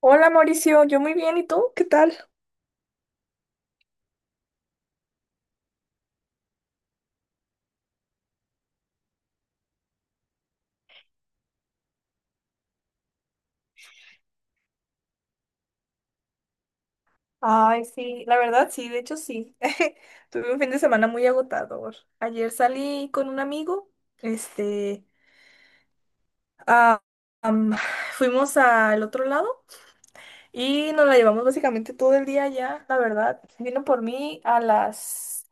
Hola Mauricio, yo muy bien, ¿y tú? ¿Qué tal? Ay, sí, la verdad sí, de hecho sí. Tuve un fin de semana muy agotador. Ayer salí con un amigo, este, ah, am, fuimos al otro lado y nos la llevamos básicamente todo el día allá, la verdad. Vino por mí a las,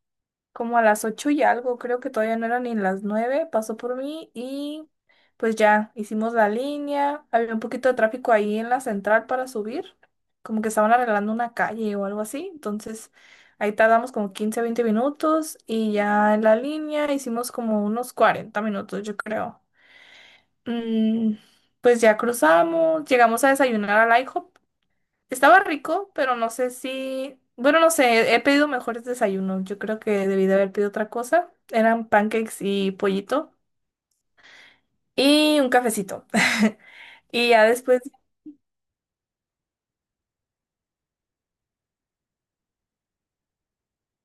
como a las ocho y algo, creo que todavía no eran ni las nueve, pasó por mí y pues ya hicimos la línea. Había un poquito de tráfico ahí en la central para subir, como que estaban arreglando una calle o algo así. Entonces ahí tardamos como 15 20 minutos y ya en la línea hicimos como unos 40 minutos, yo creo. Mm, pues ya cruzamos, llegamos a desayunar al IHOP. Estaba rico, pero no sé si... Bueno, no sé, he pedido mejores desayunos. Yo creo que debí de haber pedido otra cosa. Eran pancakes y pollito y un cafecito. Y ya después...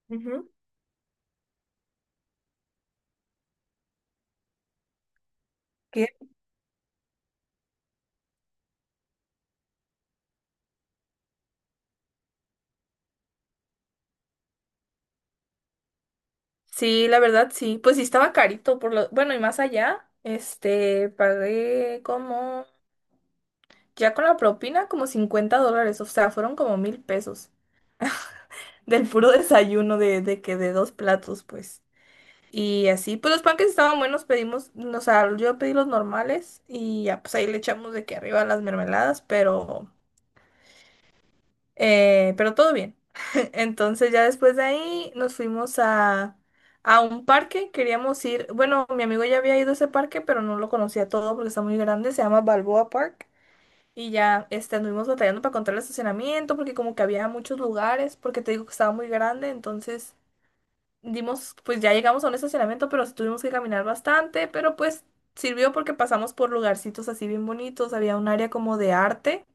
Ujú. ¿Qué? Sí, la verdad sí. Pues sí estaba carito por lo... Bueno, y más allá, pagué como... Ya con la propina, como 50 dólares. O sea, fueron como mil pesos. Del puro desayuno de dos platos, pues. Y así, pues los panques estaban buenos, pedimos, o sea, yo pedí los normales y ya, pues ahí le echamos de que arriba las mermeladas, pero todo bien. Entonces ya después de ahí nos fuimos a un parque, queríamos ir, bueno, mi amigo ya había ido a ese parque, pero no lo conocía todo porque está muy grande, se llama Balboa Park. Y ya, anduvimos batallando para encontrar el estacionamiento porque como que había muchos lugares, porque te digo que estaba muy grande, entonces dimos, pues ya llegamos a un estacionamiento, pero sí tuvimos que caminar bastante, pero pues sirvió porque pasamos por lugarcitos así bien bonitos, había un área como de arte,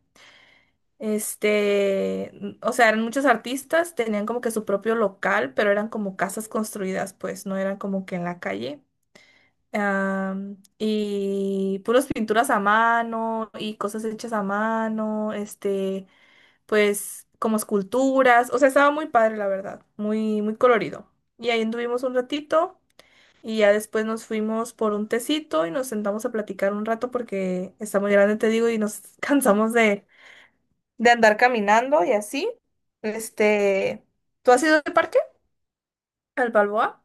o sea, eran muchos artistas, tenían como que su propio local, pero eran como casas construidas, pues no eran como que en la calle. Y puras pinturas a mano y cosas hechas a mano, pues como esculturas, o sea, estaba muy padre, la verdad, muy, muy colorido. Y ahí anduvimos un ratito. Y ya después nos fuimos por un tecito y nos sentamos a platicar un rato porque está muy grande, te digo, y nos cansamos de andar caminando y así. Este, ¿Tú has ido al parque? ¿Al Balboa?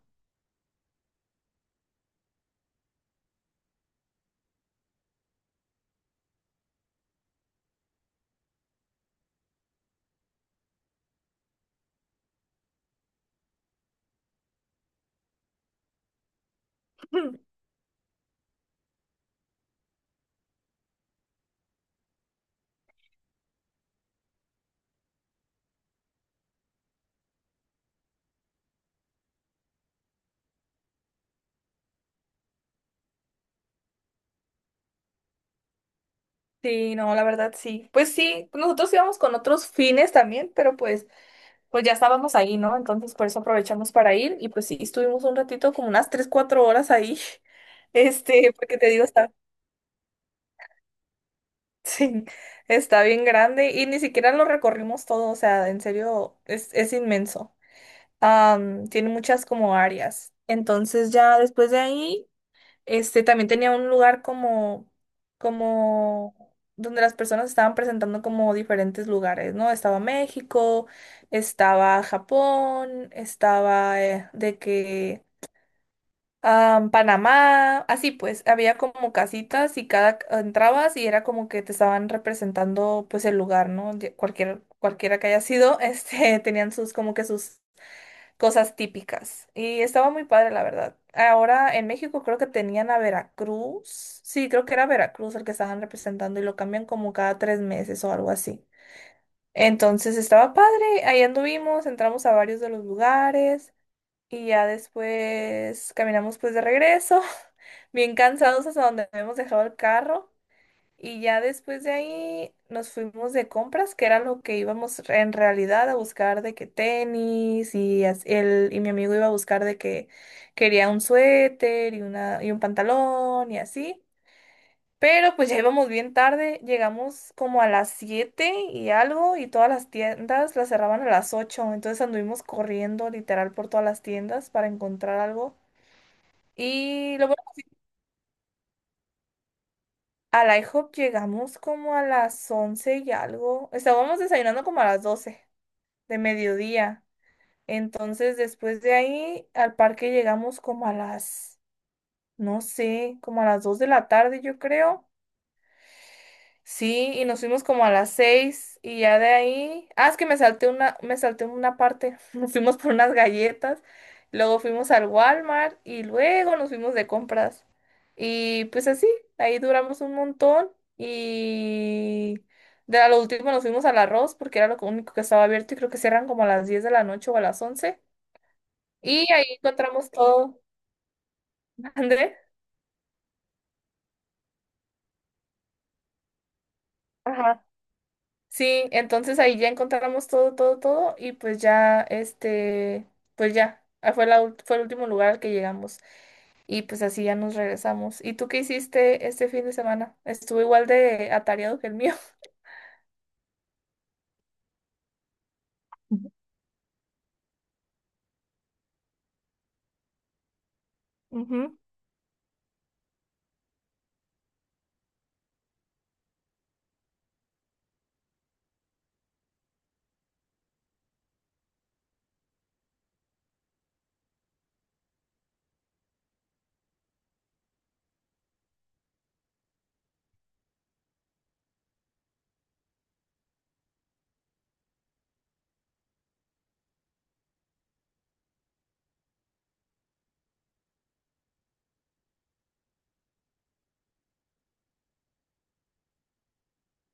Sí, no, la verdad sí. Pues sí, nosotros íbamos con otros fines también, pero pues, pues ya estábamos ahí, ¿no? Entonces por eso aprovechamos para ir y pues sí, estuvimos un ratito, como unas 3 4 horas ahí. Porque te digo, está. Sí, está bien grande y ni siquiera lo recorrimos todo, o sea, en serio, es inmenso. Tiene muchas como áreas. Entonces ya después de ahí, este también tenía un lugar como donde las personas estaban presentando como diferentes lugares, ¿no? Estaba México, estaba Japón, estaba de que Panamá, así pues, había como casitas y cada entrabas y era como que te estaban representando pues el lugar, ¿no? Cualquiera que haya sido, este, tenían sus como que sus cosas típicas y estaba muy padre, la verdad. Ahora en México creo que tenían a Veracruz, sí, creo que era Veracruz el que estaban representando y lo cambian como cada tres meses o algo así. Entonces estaba padre, ahí anduvimos, entramos a varios de los lugares. Y ya después caminamos pues de regreso bien cansados hasta donde habíamos dejado el carro y ya después de ahí nos fuimos de compras, que era lo que íbamos en realidad a buscar de que tenis y él y mi amigo iba a buscar de que quería un suéter y una y un pantalón y así. Pero pues ya íbamos bien tarde, llegamos como a las 7 y algo y todas las tiendas las cerraban a las ocho, entonces anduvimos corriendo literal por todas las tiendas para encontrar algo. Y lo... A la IHOP llegamos como a las 11 y algo. Estábamos desayunando como a las 12, de mediodía. Entonces, después de ahí, al parque llegamos como a las, no sé, como a las 2 de la tarde, yo creo. Sí, y nos fuimos como a las seis y ya de ahí, ah, es que me salté una parte, nos fuimos por unas galletas, luego fuimos al Walmart y luego nos fuimos de compras. Y pues así, ahí duramos un montón y de a lo último nos fuimos al arroz porque era lo único que estaba abierto y creo que cierran como a las 10 de la noche o a las once. Y ahí encontramos todo. André. Ajá. Sí, entonces ahí ya encontramos todo, todo, todo y pues ya, pues ya, fue fue el último lugar al que llegamos y pues así ya nos regresamos. ¿Y tú qué hiciste este fin de semana? Estuvo igual de atareado que el mío. Ujú. Ujú.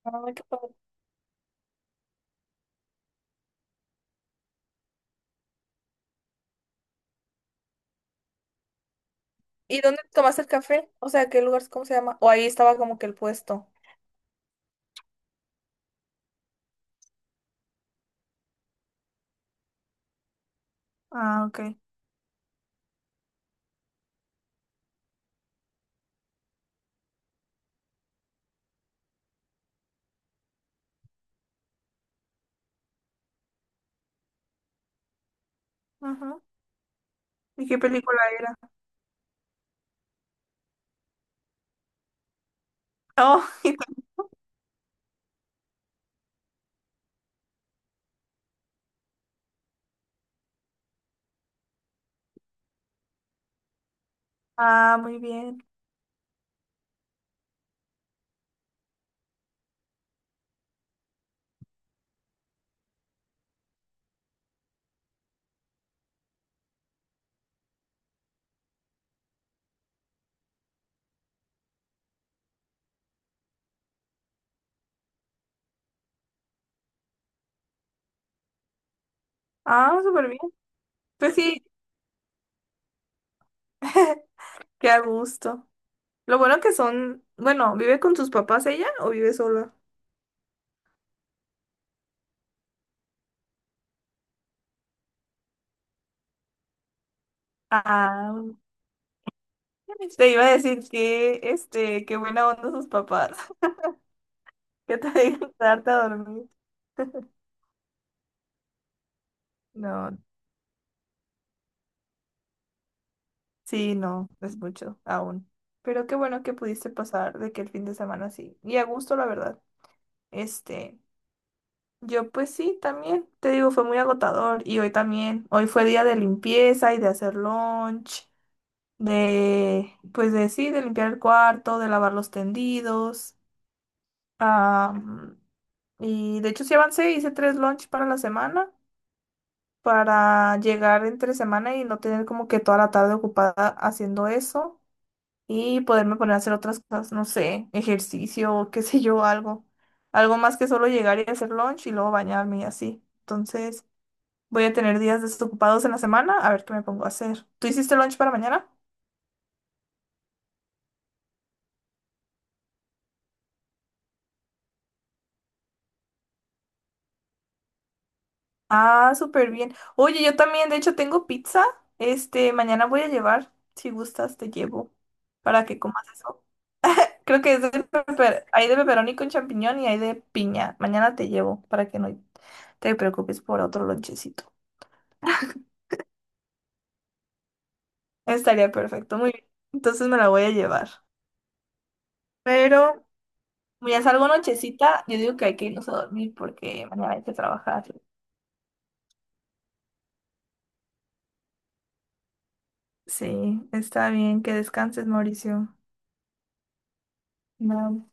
Ay, qué padre. ¿Y dónde tomaste el café? O sea, ¿qué lugar, cómo se llama? O ahí estaba como que el puesto. Ah, ok. Ajá. ¿Y qué película era? Oh, ah, muy bien. Ah, súper bien. Pues sí, qué a gusto. Lo bueno que son, bueno, ¿vive con sus papás ella o vive sola? Ah, te iba a decir que, qué buena onda sus papás, que te dejan quedarte a dormir. No, sí, no, es mucho aún. Pero qué bueno que pudiste pasar de que el fin de semana sí. Y a gusto, la verdad. Este, yo pues sí, también, te digo, fue muy agotador. Y hoy también, hoy fue día de limpieza y de hacer lunch, pues de sí, de limpiar el cuarto, de lavar los tendidos. Am, y de hecho sí avancé, hice tres lunch para la semana, para llegar entre semana y no tener como que toda la tarde ocupada haciendo eso y poderme poner a hacer otras cosas, no sé, ejercicio, qué sé yo, algo. Algo más que solo llegar y hacer lunch y luego bañarme y así. Entonces voy a tener días desocupados en la semana, a ver qué me pongo a hacer. ¿Tú hiciste lunch para mañana? Ah, súper bien. Oye, yo también, de hecho, tengo pizza. Mañana voy a llevar. Si gustas, te llevo para que comas eso. Creo que es de hay de pepperoni con champiñón y hay de piña. Mañana te llevo para que no te preocupes por otro lonchecito. Estaría perfecto, muy bien. Entonces me la voy a llevar. Pero como ya salgo nochecita, yo digo que hay que irnos a dormir porque mañana hay que trabajar. Sí, está bien, que descanses, Mauricio. No.